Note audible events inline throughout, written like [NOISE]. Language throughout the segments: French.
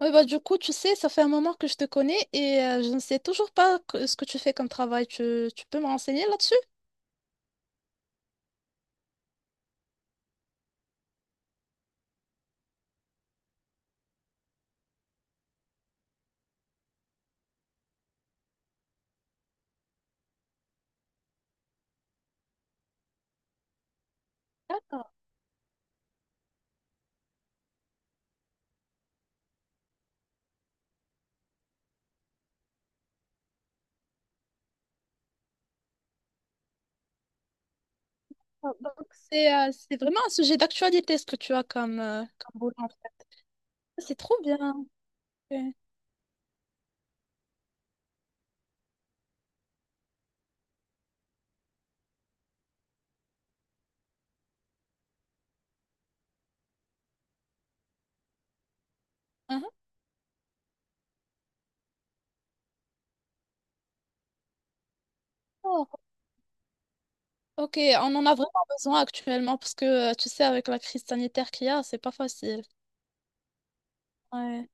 Oui, bah, du coup, tu sais, ça fait un moment que je te connais et je ne sais toujours pas ce que tu fais comme travail. Tu peux me renseigner là-dessus? Ah, ah, donc, c'est c'est vraiment un sujet d'actualité, ce que tu as comme, comme boulot en fait. C'est trop bien. Ok. Mhm. D'accord. Ok, on en a vraiment besoin actuellement parce que, tu sais, avec la crise sanitaire qu'il y a, c'est pas facile. Ouais.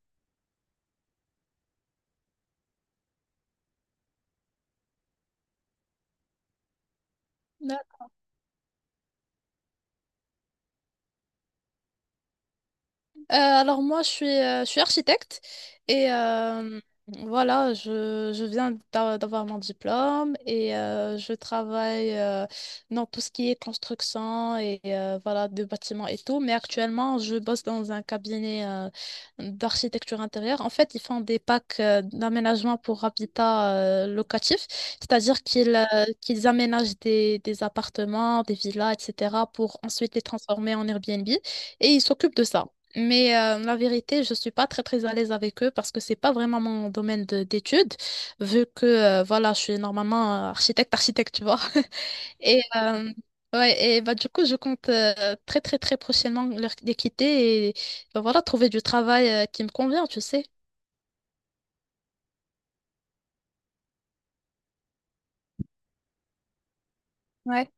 Alors moi, je suis architecte et voilà, je, d'avoir mon diplôme et je travaille dans tout ce qui est construction et voilà, de bâtiments et tout. Mais actuellement, je bosse dans un cabinet d'architecture intérieure. En fait, ils font des packs d'aménagement pour habitat locatif, c'est-à-dire qu'ils aménagent des appartements, des villas, etc. pour ensuite les transformer en Airbnb et ils s'occupent de ça. Mais la vérité, je suis pas très très à l'aise avec eux parce que c'est pas vraiment mon d'études, vu que voilà, je suis normalement architecte, architecte, tu vois. [LAUGHS] Et ouais, et bah du coup, je compte très très très prochainement les quitter et bah, voilà, trouver du travail qui me convient, tu sais. Ouais.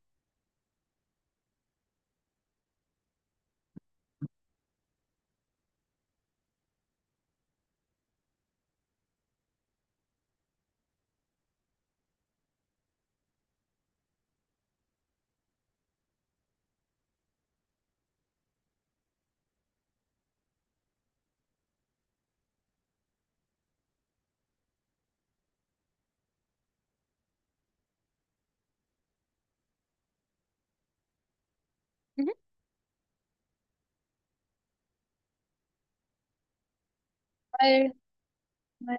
Mhm. Ouais, ouais.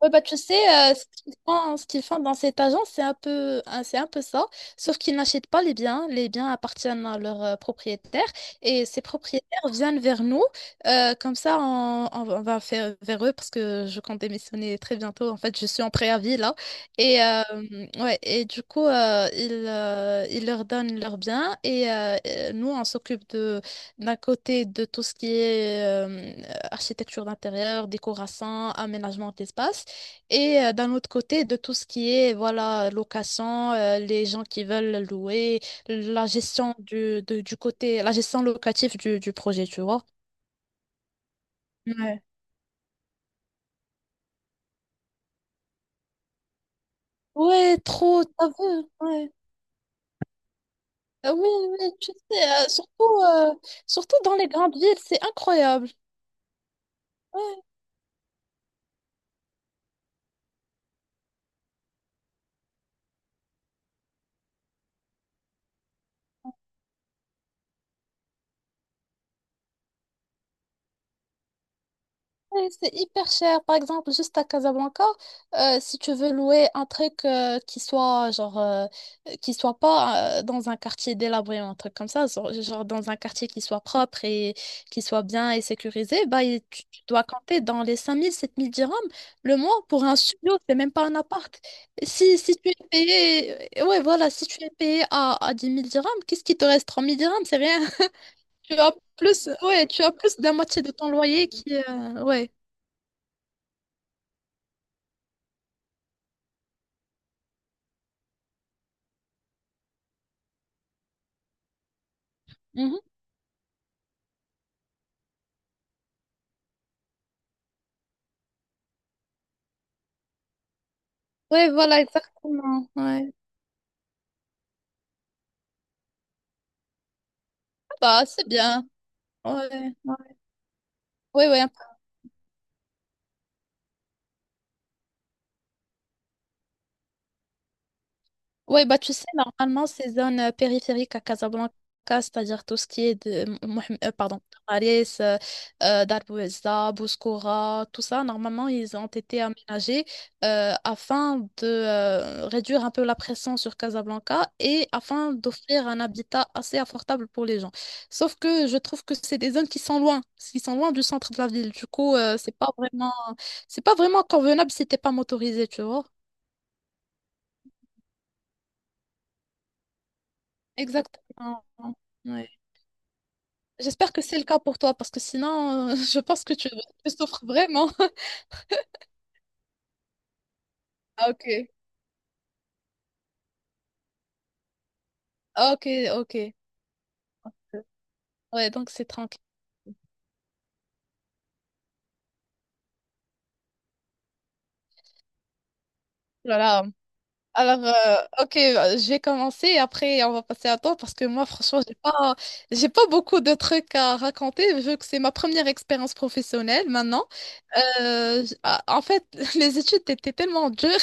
Ouais, bah, tu sais, ce qu'ils font dans cette agence, c'est un peu, hein, c'est un peu ça, sauf qu'ils n'achètent pas les biens. Les biens appartiennent à leurs propriétaires et ces propriétaires viennent vers nous. Comme ça, on, on va faire vers eux parce que je compte démissionner très bientôt. En fait, je suis en préavis là. Et, ouais, et du coup, ils leur donnent leurs biens et nous, on s'occupe de, d'un côté de tout ce qui est architecture d'intérieur, décoration, aménagement d'espace. Et d'un autre côté, de tout ce qui est voilà location, les gens qui veulent louer, la gestion du côté, la gestion locative du projet, tu vois. Ouais. Ouais, trop, t'as vu, ouais. Ah oui, oui, tu sais, surtout dans les grandes villes, c'est incroyable. Ouais. Ouais, c'est hyper cher. Par exemple, juste à Casablanca, si tu veux louer un truc qui soit genre qui soit pas dans un quartier délabré, ou un truc comme ça, genre, genre dans un quartier qui soit propre et qui soit bien et sécurisé, bah et tu dois compter dans les 5 000 à 7 000 dirhams le mois pour un studio, c'est même pas un appart. Si, si tu es payé, ouais, voilà, si tu es payé à 10 000 dirhams, qu'est-ce qui te reste? 3 000 dirhams, c'est rien. [LAUGHS] Tu as plus, ouais, tu as plus de la moitié de ton loyer qui, ouais. Mhm. Ouais, voilà, exactement. Ouais. Ah bah, c'est bien. Ouais, ouais. Ouais, ouais. Ouais, bah, tu sais, normalement, ces zones périphériques à Casablanca, c'est-à-dire tout ce qui est de pardon, Tararis, Dar Bouezza, Bouskoura, tout ça, normalement, ils ont été aménagés afin de réduire un peu la pression sur Casablanca et afin d'offrir un habitat assez abordable pour les gens. Sauf que je trouve que c'est des zones qui sont loin du centre de la ville. Du coup, c'est pas vraiment. C'est pas vraiment convenable si t'es pas motorisé, tu vois. Exactement. Ouais. J'espère que c'est le cas pour toi, parce que sinon, [LAUGHS] je pense que tu souffres vraiment. [LAUGHS] Ah, ok. Ah, ok, ok. Ouais, donc c'est tranquille. Voilà. Alors, ok, je vais commencer et après on va passer à toi parce que moi, franchement, j'ai pas beaucoup de trucs à raconter vu que c'est ma première expérience professionnelle maintenant. En fait, [LAUGHS] les études étaient tellement dures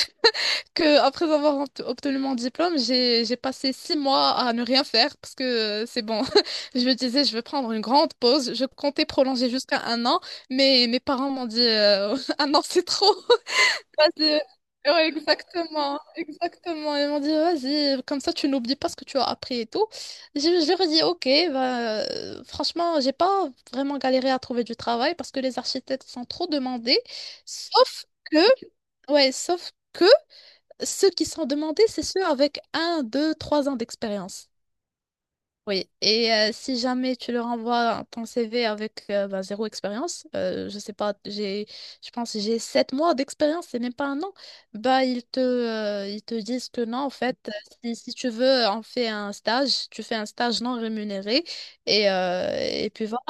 que après avoir obtenu mon diplôme, j'ai passé 6 mois à ne rien faire parce que c'est bon. [LAUGHS] Je me disais, je vais prendre une grande pause. Je comptais prolonger jusqu'à un an, mais mes parents m'ont dit [LAUGHS] un an c'est trop. [LAUGHS] Vas-y. Ouais, exactement, exactement. Ils m'ont dit, vas-y, comme ça tu n'oublies pas ce que tu as appris et tout. Je leur ai dit, ok, bah, franchement, j'ai pas vraiment galéré à trouver du travail parce que les architectes sont trop demandés. Sauf que, ouais, sauf que ceux qui sont demandés, c'est ceux avec 1, 2, 3 ans d'expérience. Oui. Et si jamais tu leur envoies ton CV avec bah, zéro expérience, je sais pas, j'ai, je pense que j'ai 7 mois d'expérience, c'est même pas un an, bah ils te disent que non, en fait, si, si tu veux, on fait un stage, tu fais un stage non rémunéré, et puis voilà.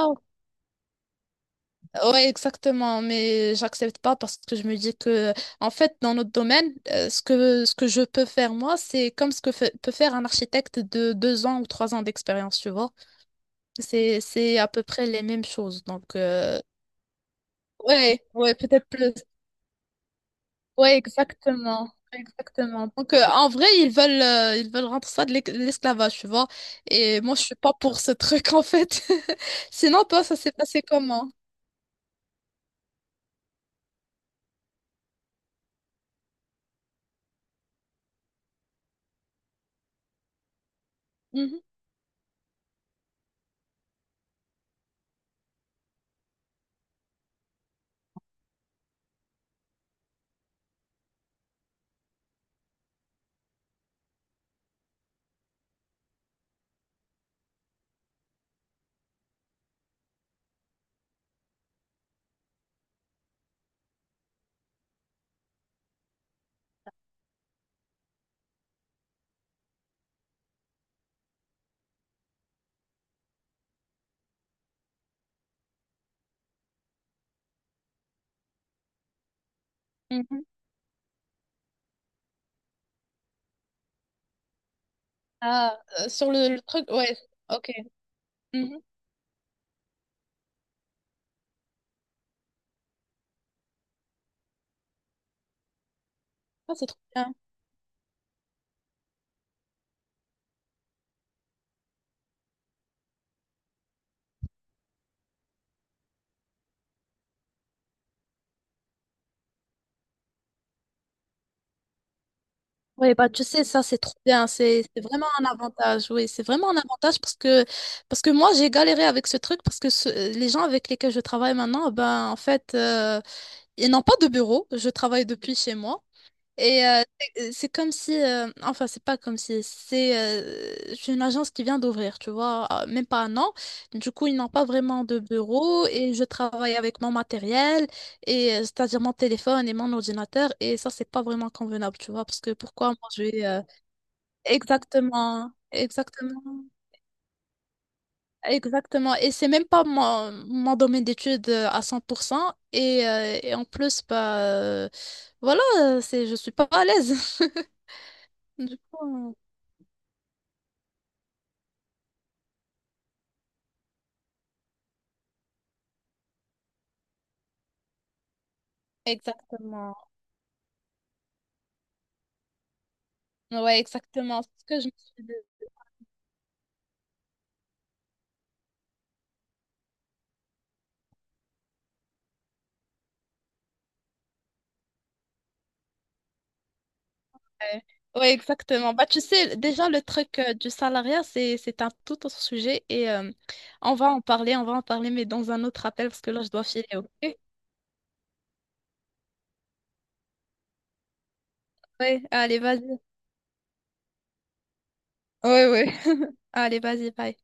Ouais, exactement, mais j'accepte pas parce que je me dis que, en fait, dans notre domaine, ce que je peux faire moi, c'est comme ce que peut faire un architecte de 2 ans ou 3 ans d'expérience, tu vois. C'est à peu près les mêmes choses. Donc, ouais, ouais, peut-être plus. Ouais, exactement. Exactement. Donc, en vrai, ils veulent rendre ça de de l'esclavage, tu vois. Et moi, je suis pas pour ce [LAUGHS] truc, en fait. [LAUGHS] Sinon, toi, ça s'est passé comment? Mhm. Ah, sur le truc, ouais, ok. Mhm. Ah, c'est trop bien. Oui, bah tu sais, ça c'est trop bien, c'est vraiment un avantage, oui, c'est vraiment un avantage parce que moi j'ai galéré avec ce truc parce que les gens avec lesquels je travaille maintenant, ben en fait, ils n'ont pas de bureau, je travaille depuis chez moi. Et c'est comme si, enfin, c'est pas comme si, c'est une agence qui vient d'ouvrir, tu vois, même pas un an. Du coup, ils n'ont pas vraiment de bureau et je travaille avec mon matériel, c'est-à-dire mon téléphone et mon ordinateur, et ça, c'est pas vraiment convenable, tu vois, parce que pourquoi moi je vais. Exactement, exactement, exactement. Et c'est même pas mon, mon domaine d'études à 100%, et en plus, bah, voilà, c'est, je suis pas à l'aise. [LAUGHS] Du coup, exactement. Ouais, exactement. C'est ce que je me suis dit. Ouais, ouais, exactement. Bah, tu sais, déjà, le truc du salariat, c'est un tout autre sujet et on va en parler, on va en parler, mais dans un autre appel parce que là, je dois filer, ok? Ouais, allez, vas-y. Ouais, ouais. [LAUGHS] Allez, vas-y, bye.